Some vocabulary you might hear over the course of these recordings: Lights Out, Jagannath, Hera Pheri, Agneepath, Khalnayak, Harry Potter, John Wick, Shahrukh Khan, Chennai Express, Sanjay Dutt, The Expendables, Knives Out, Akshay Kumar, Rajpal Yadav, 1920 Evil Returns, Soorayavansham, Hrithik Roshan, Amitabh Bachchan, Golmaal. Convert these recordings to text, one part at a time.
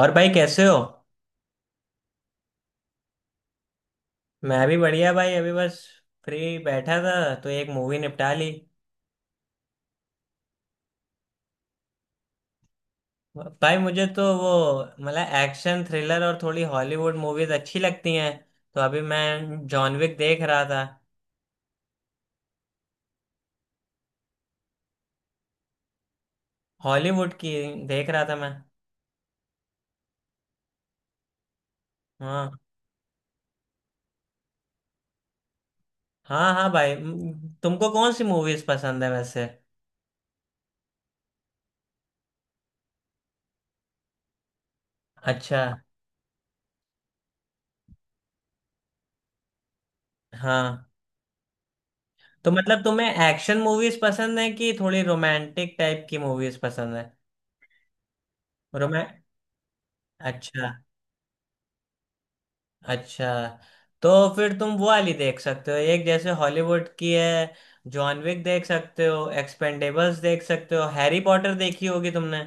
और भाई कैसे हो। मैं भी बढ़िया भाई अभी बस फ्री बैठा था तो एक मूवी निपटा ली। भाई मुझे तो वो मतलब एक्शन थ्रिलर और थोड़ी हॉलीवुड मूवीज अच्छी लगती हैं। तो अभी मैं जॉन विक देख रहा था। हॉलीवुड की देख रहा था मैं। हाँ हाँ हाँ भाई तुमको कौन सी मूवीज पसंद है वैसे। अच्छा। हाँ तो मतलब तुम्हें एक्शन मूवीज पसंद है कि थोड़ी रोमांटिक टाइप की मूवीज पसंद है। रोमै अच्छा। अच्छा तो फिर तुम वो वाली देख सकते हो एक जैसे हॉलीवुड की है। जॉन विक देख सकते हो एक्सपेंडेबल्स देख सकते हो हैरी पॉटर देखी होगी तुमने।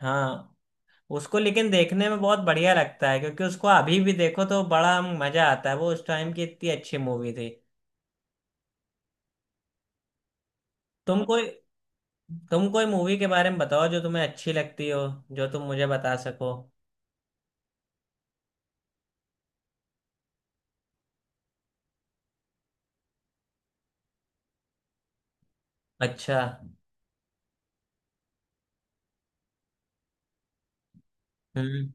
हाँ। उसको लेकिन देखने में बहुत बढ़िया लगता है क्योंकि उसको अभी भी देखो तो बड़ा मजा आता है वो उस टाइम की इतनी अच्छी मूवी थी। तुम कोई तुम कोई मूवी के बारे में बताओ जो तुम्हें अच्छी लगती हो जो तुम मुझे बता सको। अच्छा। हम्म।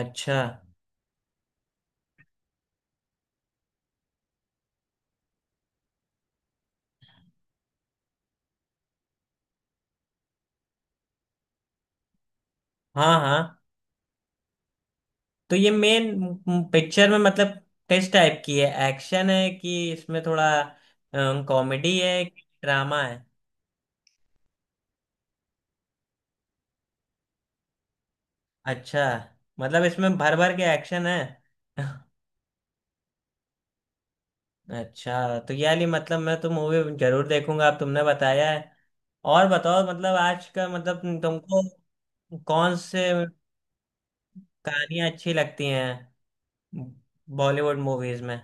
अच्छा। हाँ। हाँ तो ये मेन पिक्चर में मतलब किस टाइप की है एक्शन है कि इसमें थोड़ा कॉमेडी है कि ड्रामा है। अच्छा मतलब इसमें भर भर के एक्शन है। अच्छा तो यार ये मतलब मैं तो मूवी जरूर देखूंगा अब तुमने बताया है। और बताओ मतलब आज का मतलब तुमको कौन से कहानियां अच्छी लगती हैं बॉलीवुड मूवीज में।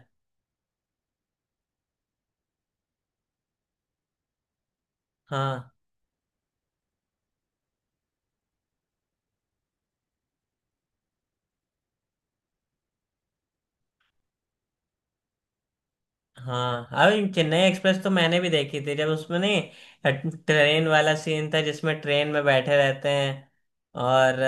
हाँ हाँ अभी चेन्नई एक्सप्रेस तो मैंने भी देखी थी जब उसमें नहीं ट्रेन वाला सीन था जिसमें ट्रेन में बैठे रहते हैं और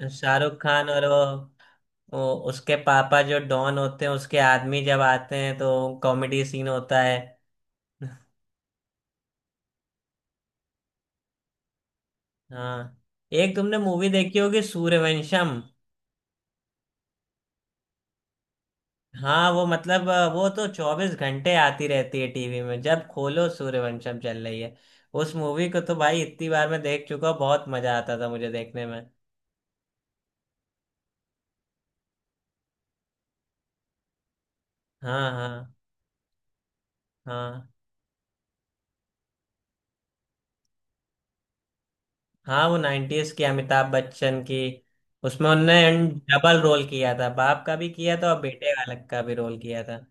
शाहरुख खान और वो उसके पापा जो डॉन होते हैं उसके आदमी जब आते हैं तो कॉमेडी सीन होता है। हाँ। एक तुमने मूवी देखी होगी सूर्यवंशम। हाँ वो मतलब वो तो चौबीस घंटे आती रहती है टीवी में जब खोलो सूर्यवंशम चल रही है। उस मूवी को तो भाई इतनी बार मैं देख चुका हूँ बहुत मजा आता था मुझे देखने में। हाँ हाँ। हाँ हाँ वो नाइन्टीज की अमिताभ बच्चन की उसमें उनने डबल रोल किया था बाप का भी किया था और बेटे बालक का भी रोल किया था।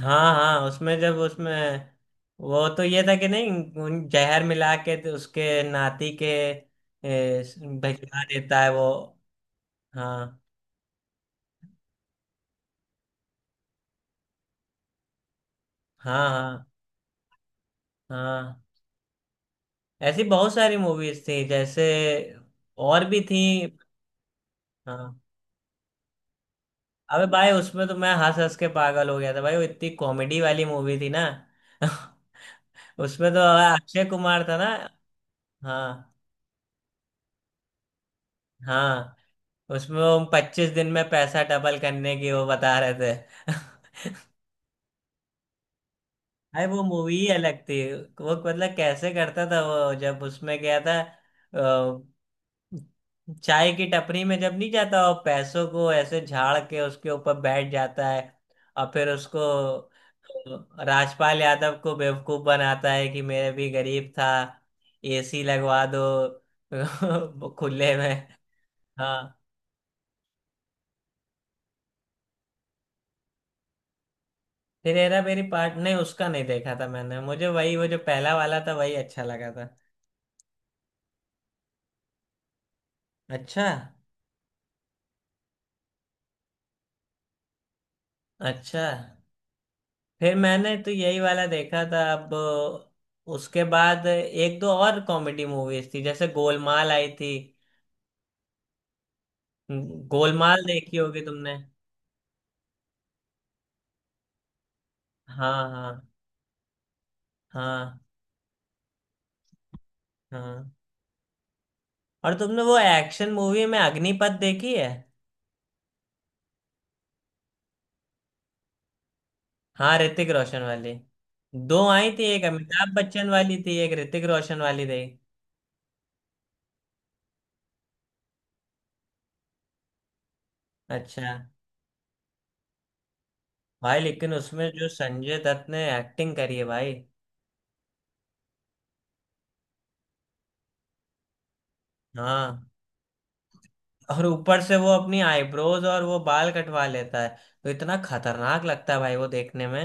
हाँ हाँ उसमें जब उसमें वो तो ये था कि नहीं उन जहर मिला के तो उसके नाती के ए, भिजवा देता है वो। हाँ हाँ हाँ हाँ ऐसी बहुत सारी मूवीज थी जैसे और भी थी। हाँ। अबे भाई उसमें तो मैं हंस हंस के पागल हो गया था भाई वो इतनी कॉमेडी वाली मूवी थी ना। उसमें तो अक्षय कुमार था ना। हाँ। हाँ उसमें वो पच्चीस दिन में पैसा डबल करने की वो बता रहे थे। भाई वो मूवी ही अलग थी वो मतलब कैसे करता था वो जब उसमें गया था चाय की टपरी में जब नहीं जाता और पैसों को ऐसे झाड़ के उसके ऊपर बैठ जाता है। और फिर उसको राजपाल यादव को बेवकूफ बनाता है कि मेरे भी गरीब था एसी लगवा दो। खुले में। हाँ फिर हेरा मेरी पार्ट नहीं उसका नहीं देखा था मैंने मुझे वही वो जो पहला वाला था वही अच्छा लगा था। अच्छा। अच्छा फिर मैंने तो यही वाला देखा था अब। उसके बाद एक दो और कॉमेडी मूवीज थी जैसे गोलमाल आई थी। गोलमाल देखी होगी तुमने। हाँ हाँ हाँ हाँ और तुमने वो एक्शन मूवी में अग्निपथ देखी है। हाँ ऋतिक रोशन वाली दो आई थी एक अमिताभ बच्चन वाली थी एक ऋतिक रोशन वाली थी। अच्छा। भाई लेकिन उसमें जो संजय दत्त ने एक्टिंग करी है भाई। हाँ और ऊपर से वो अपनी आईब्रोज और वो बाल कटवा लेता है तो इतना खतरनाक लगता है भाई वो देखने में।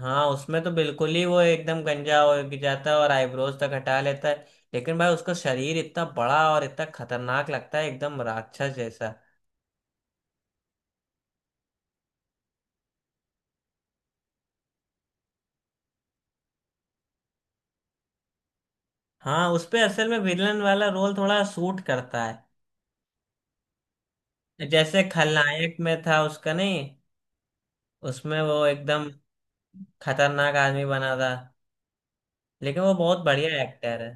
हाँ उसमें तो बिल्कुल ही वो एकदम गंजा हो जाता है और आईब्रोज तक हटा लेता है। लेकिन भाई उसका शरीर इतना बड़ा और इतना खतरनाक लगता है एकदम राक्षस जैसा। हाँ उस पे असल में विलन वाला रोल थोड़ा सूट करता है जैसे खलनायक में था उसका नहीं उसमें वो एकदम खतरनाक आदमी बना था। लेकिन वो बहुत बढ़िया एक्टर है।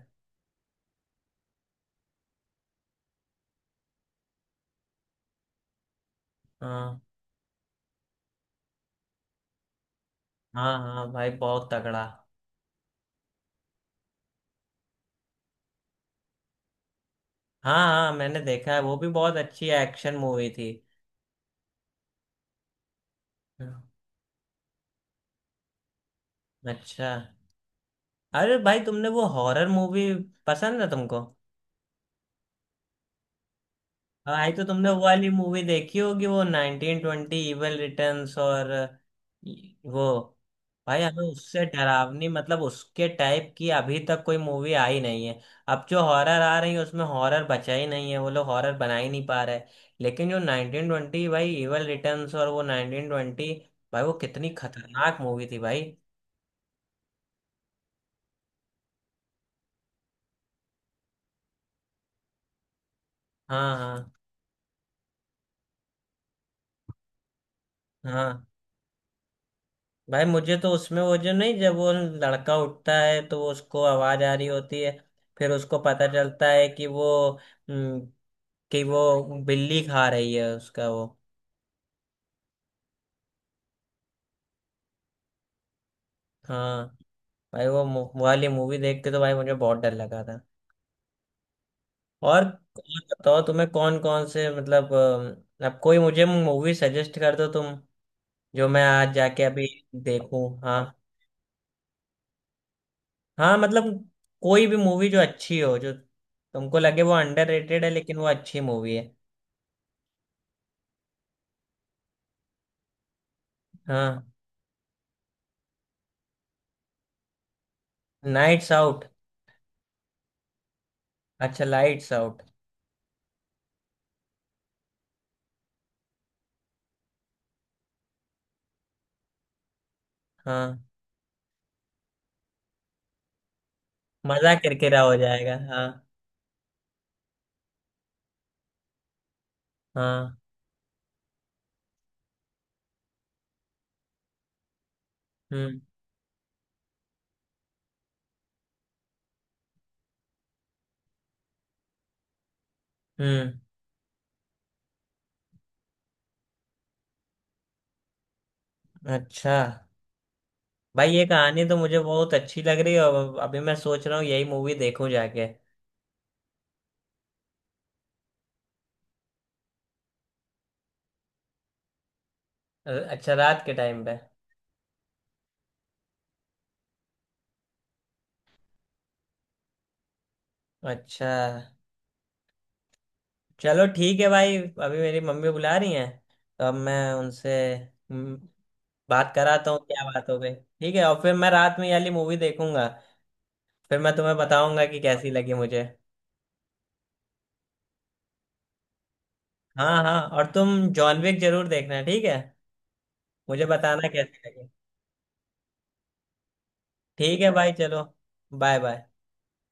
हाँ हाँ हाँ भाई बहुत तगड़ा। हाँ हाँ मैंने देखा है वो भी बहुत अच्छी एक्शन मूवी थी। अच्छा। अरे भाई तुमने वो हॉरर मूवी पसंद है तुमको। आई तो तुमने वो वाली मूवी देखी होगी वो नाइनटीन ट्वेंटी इविल रिटर्न्स और वो भाई हमें उससे डरावनी मतलब उसके टाइप की अभी तक कोई मूवी आई नहीं है। अब जो हॉरर आ रही है उसमें हॉरर बचा ही नहीं है वो लोग हॉरर बना ही नहीं पा रहे। लेकिन जो नाइनटीन ट्वेंटी भाई इविल रिटर्न्स और वो नाइनटीन ट्वेंटी भाई वो कितनी खतरनाक मूवी थी भाई। हाँ हाँ हाँ भाई मुझे तो उसमें वो जो नहीं जब वो लड़का उठता है तो वो उसको आवाज आ रही होती है। फिर उसको पता चलता है कि हम्म, वो बिल्ली खा रही है उसका वो। हाँ भाई वो वाली मूवी देख के तो भाई मुझे बहुत डर लगा था। और बताओ तुम्हें कौन कौन से मतलब अब कोई मुझे मूवी सजेस्ट कर दो तुम जो मैं आज जाके अभी देखूं। हाँ। हाँ मतलब कोई भी मूवी जो अच्छी हो जो तुमको लगे वो अंडररेटेड है लेकिन वो अच्छी मूवी है। हाँ। Nights out. अच्छा लाइट्स आउट। हाँ। मजा किरकिरा हो जाएगा हाँ। हाँ। हम्म। हम्म। अच्छा भाई ये कहानी तो मुझे बहुत अच्छी लग रही है और अभी मैं सोच रहा हूँ यही मूवी देखूं जाके। अच्छा रात के टाइम पे। अच्छा चलो ठीक है भाई। अभी मेरी मम्मी बुला रही हैं। तो अब मैं उनसे बात कराता हूँ क्या बात हो गई ठीक है और फिर मैं रात में ये वाली मूवी देखूंगा। फिर मैं तुम्हें बताऊंगा कि कैसी लगी मुझे। हाँ हाँ और तुम जॉन विक जरूर देखना ठीक है। मुझे बताना कैसी लगी। ठीक है भाई चलो। Bye bye.